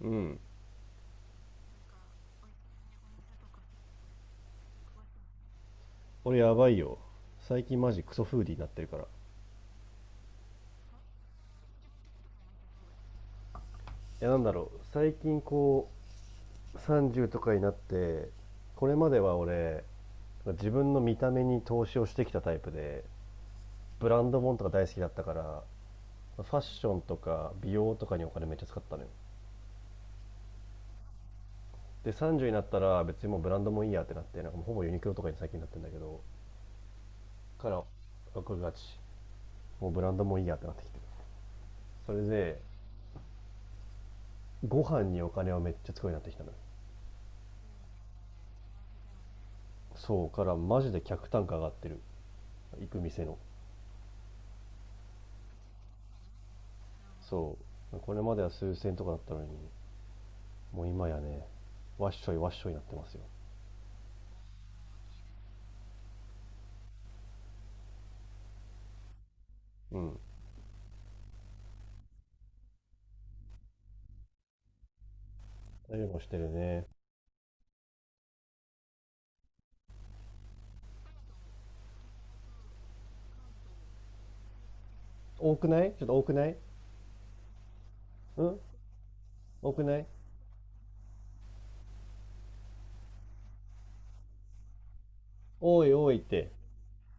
うん。俺やばいよ。最近マジクソフーディーになってるから。いや、なんだろう、最近こう30とかになって、これまでは俺、自分の見た目に投資をしてきたタイプで、ブランド物とか大好きだったから、ファッションとか美容とかにお金めっちゃ使ったのよ。で30になったら別にもうブランドもいいやってなって、なんかもうほぼユニクロとかに最近なってんだけど、から僕がちもうブランドもいいやってなってきてる。それでご飯にお金をめっちゃ使うようになってきたのよ。そうからマジで客単価上がってる、行く店の。そうこれまでは数千とかだったのに、もう今やね、わっしょいわっしょいになってますよ。うん、そういうのしてるね。多くない？ちょっと多くない？うん、多くない。多い多いって。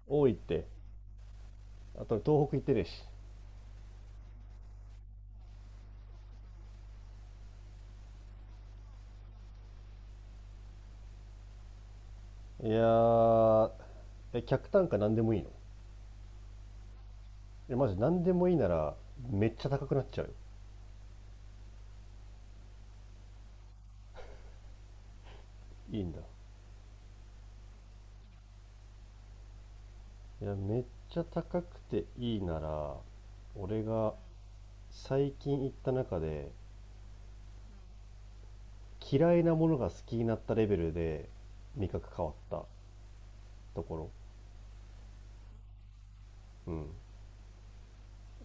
多いって。あと東北行ってるし。いやー、え、客単価何でもいいの？え、マジ何でもいいなら、めっちゃ高くなっちゃうよ。いいんだ。いや、めっちゃ高くていいなら、俺が最近行った中で嫌いなものが好きになったレベルで味覚変わったところ、うん、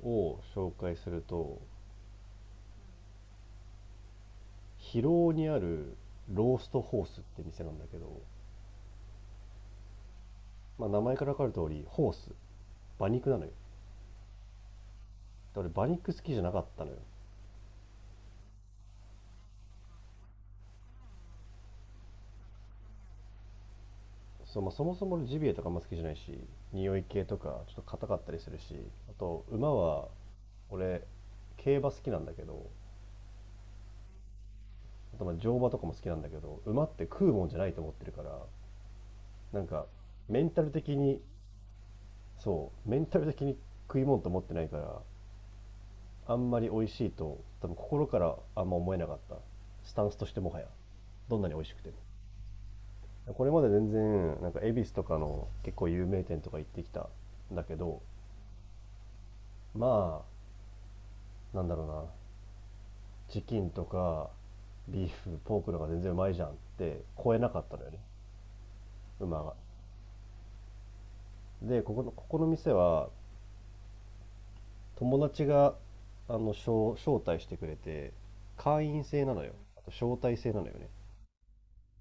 を紹介すると、広尾にあるローストホースって店なんだけど、まあ、名前から分かる通りホース、馬肉なのよ。俺馬肉好きじゃなかったのよ。そ、まあ、そもそもジビエとかあんま好きじゃないし、匂い系とかちょっと硬かったりするし、あと馬は、俺競馬好きなんだけど、あとまあ乗馬とかも好きなんだけど馬って食うもんじゃないと思ってるから、なんかメンタル的に、そうメンタル的に食い物と思ってないから、あんまり美味しいと多分心からあんま思えなかった。スタンスとしてもはや、どんなに美味しくても、これまで全然なんか恵比寿とかの結構有名店とか行ってきたんだけど、まあなんだろうな、チキンとかビーフポークの方が全然うまいじゃんって超えなかったのよね、馬が。でここの店は、友達があの招待してくれて、会員制なのよ、あと招待制なのよね。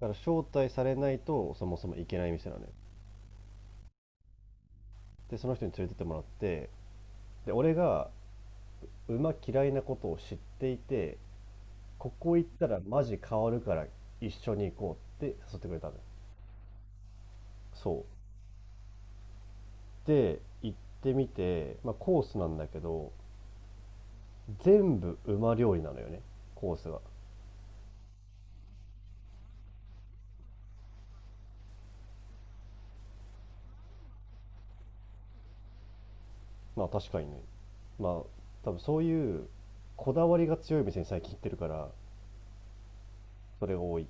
だから招待されないとそもそも行けない店なのよ。でその人に連れてってもらって、で俺が馬嫌いなことを知っていて、ここ行ったらマジ変わるから一緒に行こうって誘ってくれたのよ。そうで行ってみて、まあ、コースなんだけど、全部馬料理なのよね、コースが。まあ確かにね、まあ多分そういうこだわりが強い店に最近行ってるから、それが多い。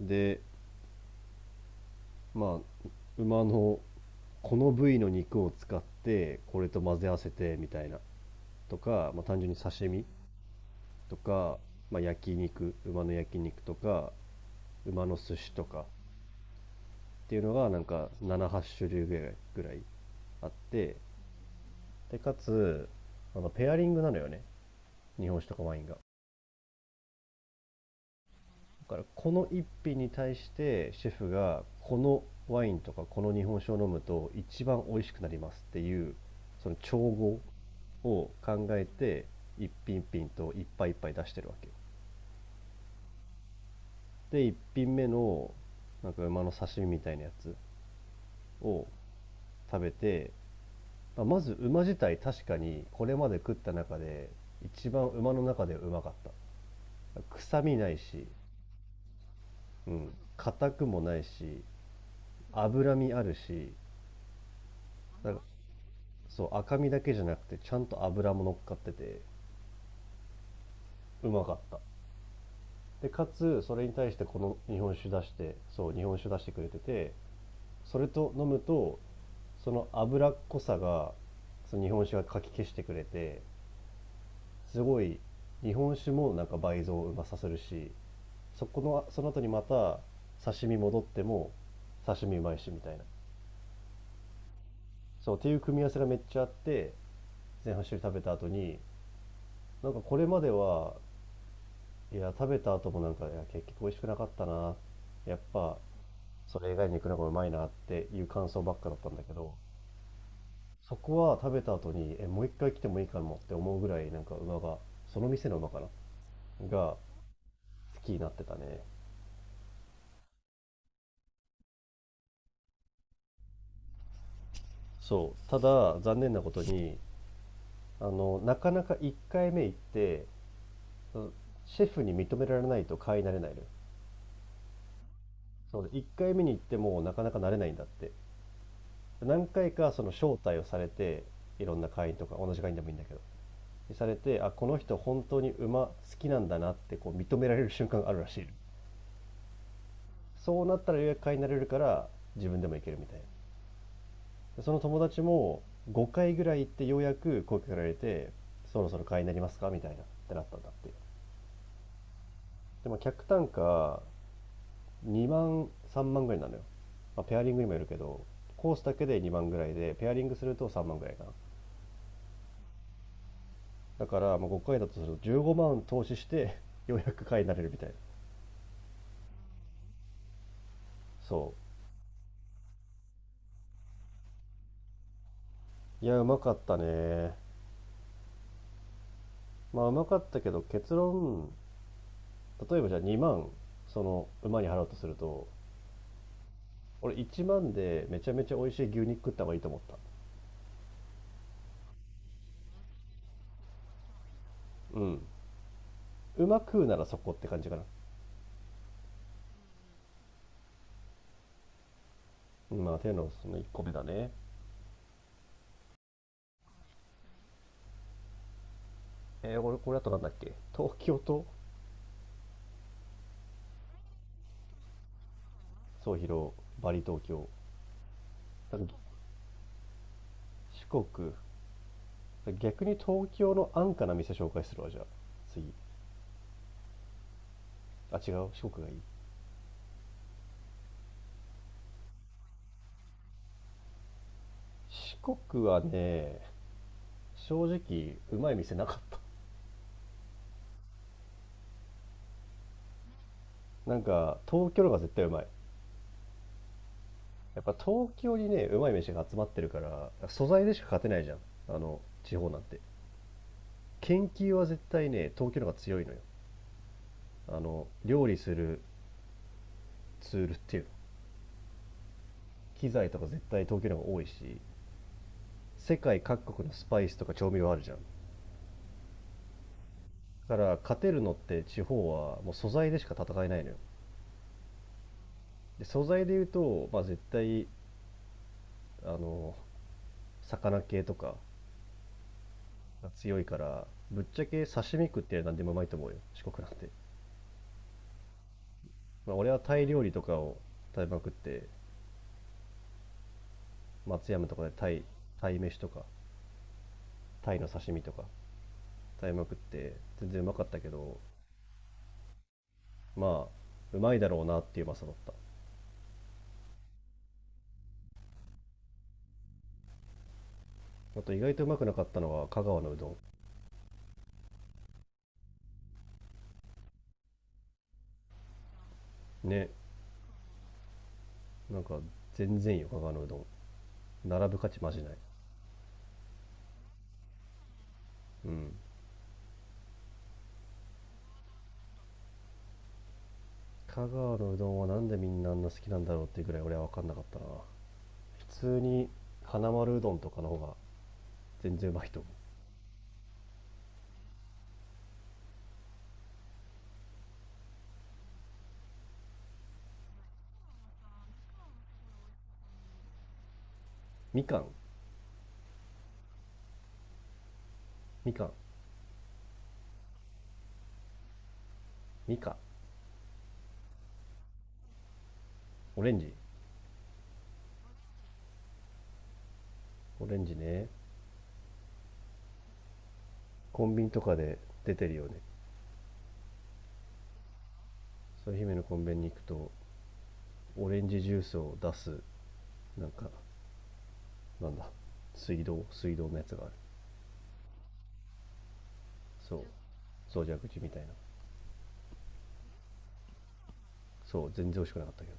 で、まあ馬のこの部位の肉を使ってこれと混ぜ合わせてみたいなとか、まあ、単純に刺身とか、まあ、焼肉、馬の焼肉とか馬の寿司とかっていうのがなんか78種類ぐらいあって、でかつ、あのペアリングなのよね、日本酒とかワインが。だからこの一品に対してシェフがこのワインとかこの日本酒を飲むと一番美味しくなりますっていうその調合を考えて、一品一品といっぱいいっぱい出してるわけよ。で一品目のなんか馬の刺身みたいなやつを食べて、まあまず馬自体、確かにこれまで食った中で一番、馬の中でうまかった。臭みないし、うん、硬くもないし、脂身あるし、なんかそう赤身だけじゃなくてちゃんと脂も乗っかってて、うまかった。でかつそれに対してこの日本酒出して、そう日本酒出してくれてて、それと飲むと、その脂っこさがその日本酒がかき消してくれて、すごい、日本酒もなんか倍増うまさせるし、そこのその後にまた刺身戻っても刺身うまいしみたいな、そうっていう組み合わせがめっちゃあって、前半種食べた後に、なんかこれまでは、いや、食べた後もなんか、いや、結局美味しくなかったな。やっぱ、それ以外に行くのがうまいなっていう感想ばっかだったんだけど、そこは食べた後に、え、もう一回来てもいいかもって思うぐらい、なんか馬が、その店の馬かなが好きになってたね。そう。ただ、残念なことに、あの、なかなか1回目行って、うん、シェフに認められないと買い慣れないのよ。そうで、1回目に行ってもなかなか慣れないんだって。何回かその招待をされて、いろんな会員とか、同じ会員でもいいんだけど、されて、あ、この人本当に馬好きなんだなってこう認められる瞬間があるらしい。そうなったら予約会になれるから自分でも行けるみたいな。その友達も5回ぐらい行ってようやく声かけられて、そろそろ会員になりますかみたいなってなったんだって。でも客単価2万3万ぐらいなのよ、まあ、ペアリングにもよるけど、コースだけで2万ぐらいで、ペアリングすると3万ぐらいかな。だからまあ5回だとすると15万投資してようやく会員になれるみたいな。そう、いやうまかったね。まあうまかったけど結論、例えばじゃあ2万その馬に払うとすると、俺1万でめちゃめちゃ美味しい牛肉食った方がいいと思った。うん、馬食うならそこって感じかな。うん、まあ手のその1個目だね。えー、これこれあとなんだっけ、東京と、総広、バリ東京、なんか、四国、逆に東京の安価な店紹介するわじゃあ次、あ違う四国がいい。四国はね、正直うまい店なかった、なんか東京の方が絶対うまい。やっぱ東京にね、うまい飯が集まってるから、素材でしか勝てないじゃん。あの、地方なんて。研究は絶対ね、東京の方が強いのよ。あの、料理するツールっていうの、機材とか絶対東京の方が多いし、世界各国のスパイスとか調味料あるじゃん。だから勝てるのって地方はもう素材でしか戦えないのよ。で、素材で言うと、まあ絶対、あの、魚系とかが強いから、ぶっちゃけ刺身食って何でもうまいと思うよ、四国なんて。まあ、俺はタイ料理とかを食べまくって、松山とかでタイ、タイ飯とかタイの刺身とか食べまくって全然うまかったけど、まあうまいだろうなっていううまさだった。あと意外とうまくなかったのは香川のうどんね。なんか全然いいよ香川のうどん、並ぶ価値マジない。うん、香川のうどんはなんでみんなあんな好きなんだろうっていうぐらい俺は分かんなかったな。普通に花丸うどんとかの方が全然うまいと思う。みかん、みかん、みかん、オレンジ、オレンジね。コンビニとかで出てるよね。そう、姫のコンビニに行くと、オレンジジュースを出す、なんか、なんだ、水道のやつがある。そう、そうじゃ口みたいな。そう、全然美味しくなかったけ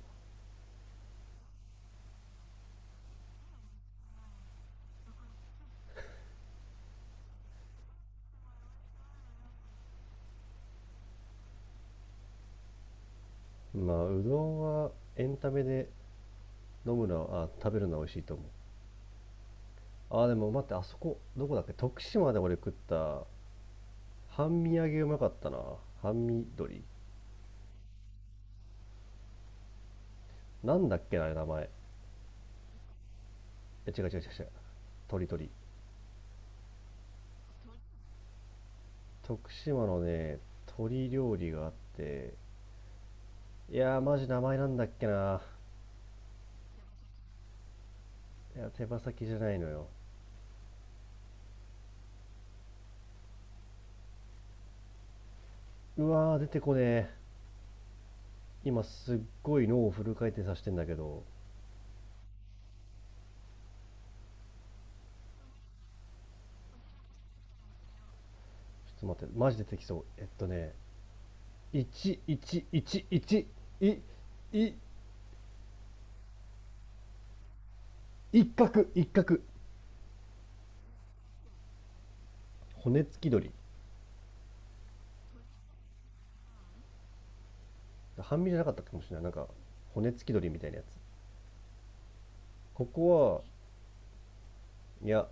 ど。まあうどんはエンタメで、飲むのは、あ、食べるのは美味しいと思う。あーでも待って、あそこどこだっけ、徳島で俺食った半身揚げうまかったな、半身鶏。なんだっけなあれ名前。え、違う違う違う違う、鳥。徳島のね、鳥料理があって、いやー、マジ名前なんだっけな。いや、手羽先じゃないのよ。うわー、出てこねえ。今すっごい脳をフル回転させてんだけど。ちょっと待って、マジ出てきそう。えっとね、1、1、1、1、い、い、一角、一角。骨付き鳥。半身じゃなかったかもしれない。なんか、骨付き鳥みたいなやつ。ここは、いや、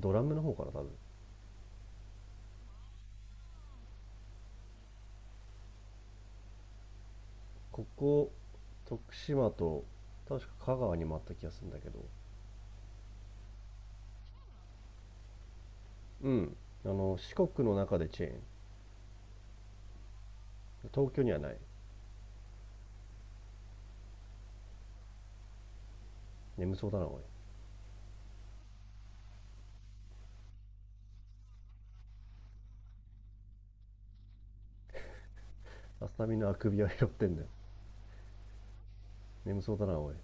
ドラムの方かな、多分。ここ、徳島と、確か香川にもあった気がするんだけど。うん。あの、四国の中でチェーン。東京にはない。眠そうだな、おい。アスタミのあくびを拾ってんだよ。眠そうだな、おい。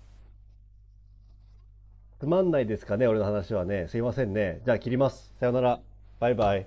つまんないですかね、俺の話はね。すいませんね。じゃあ切ります。さよなら。バイバイ。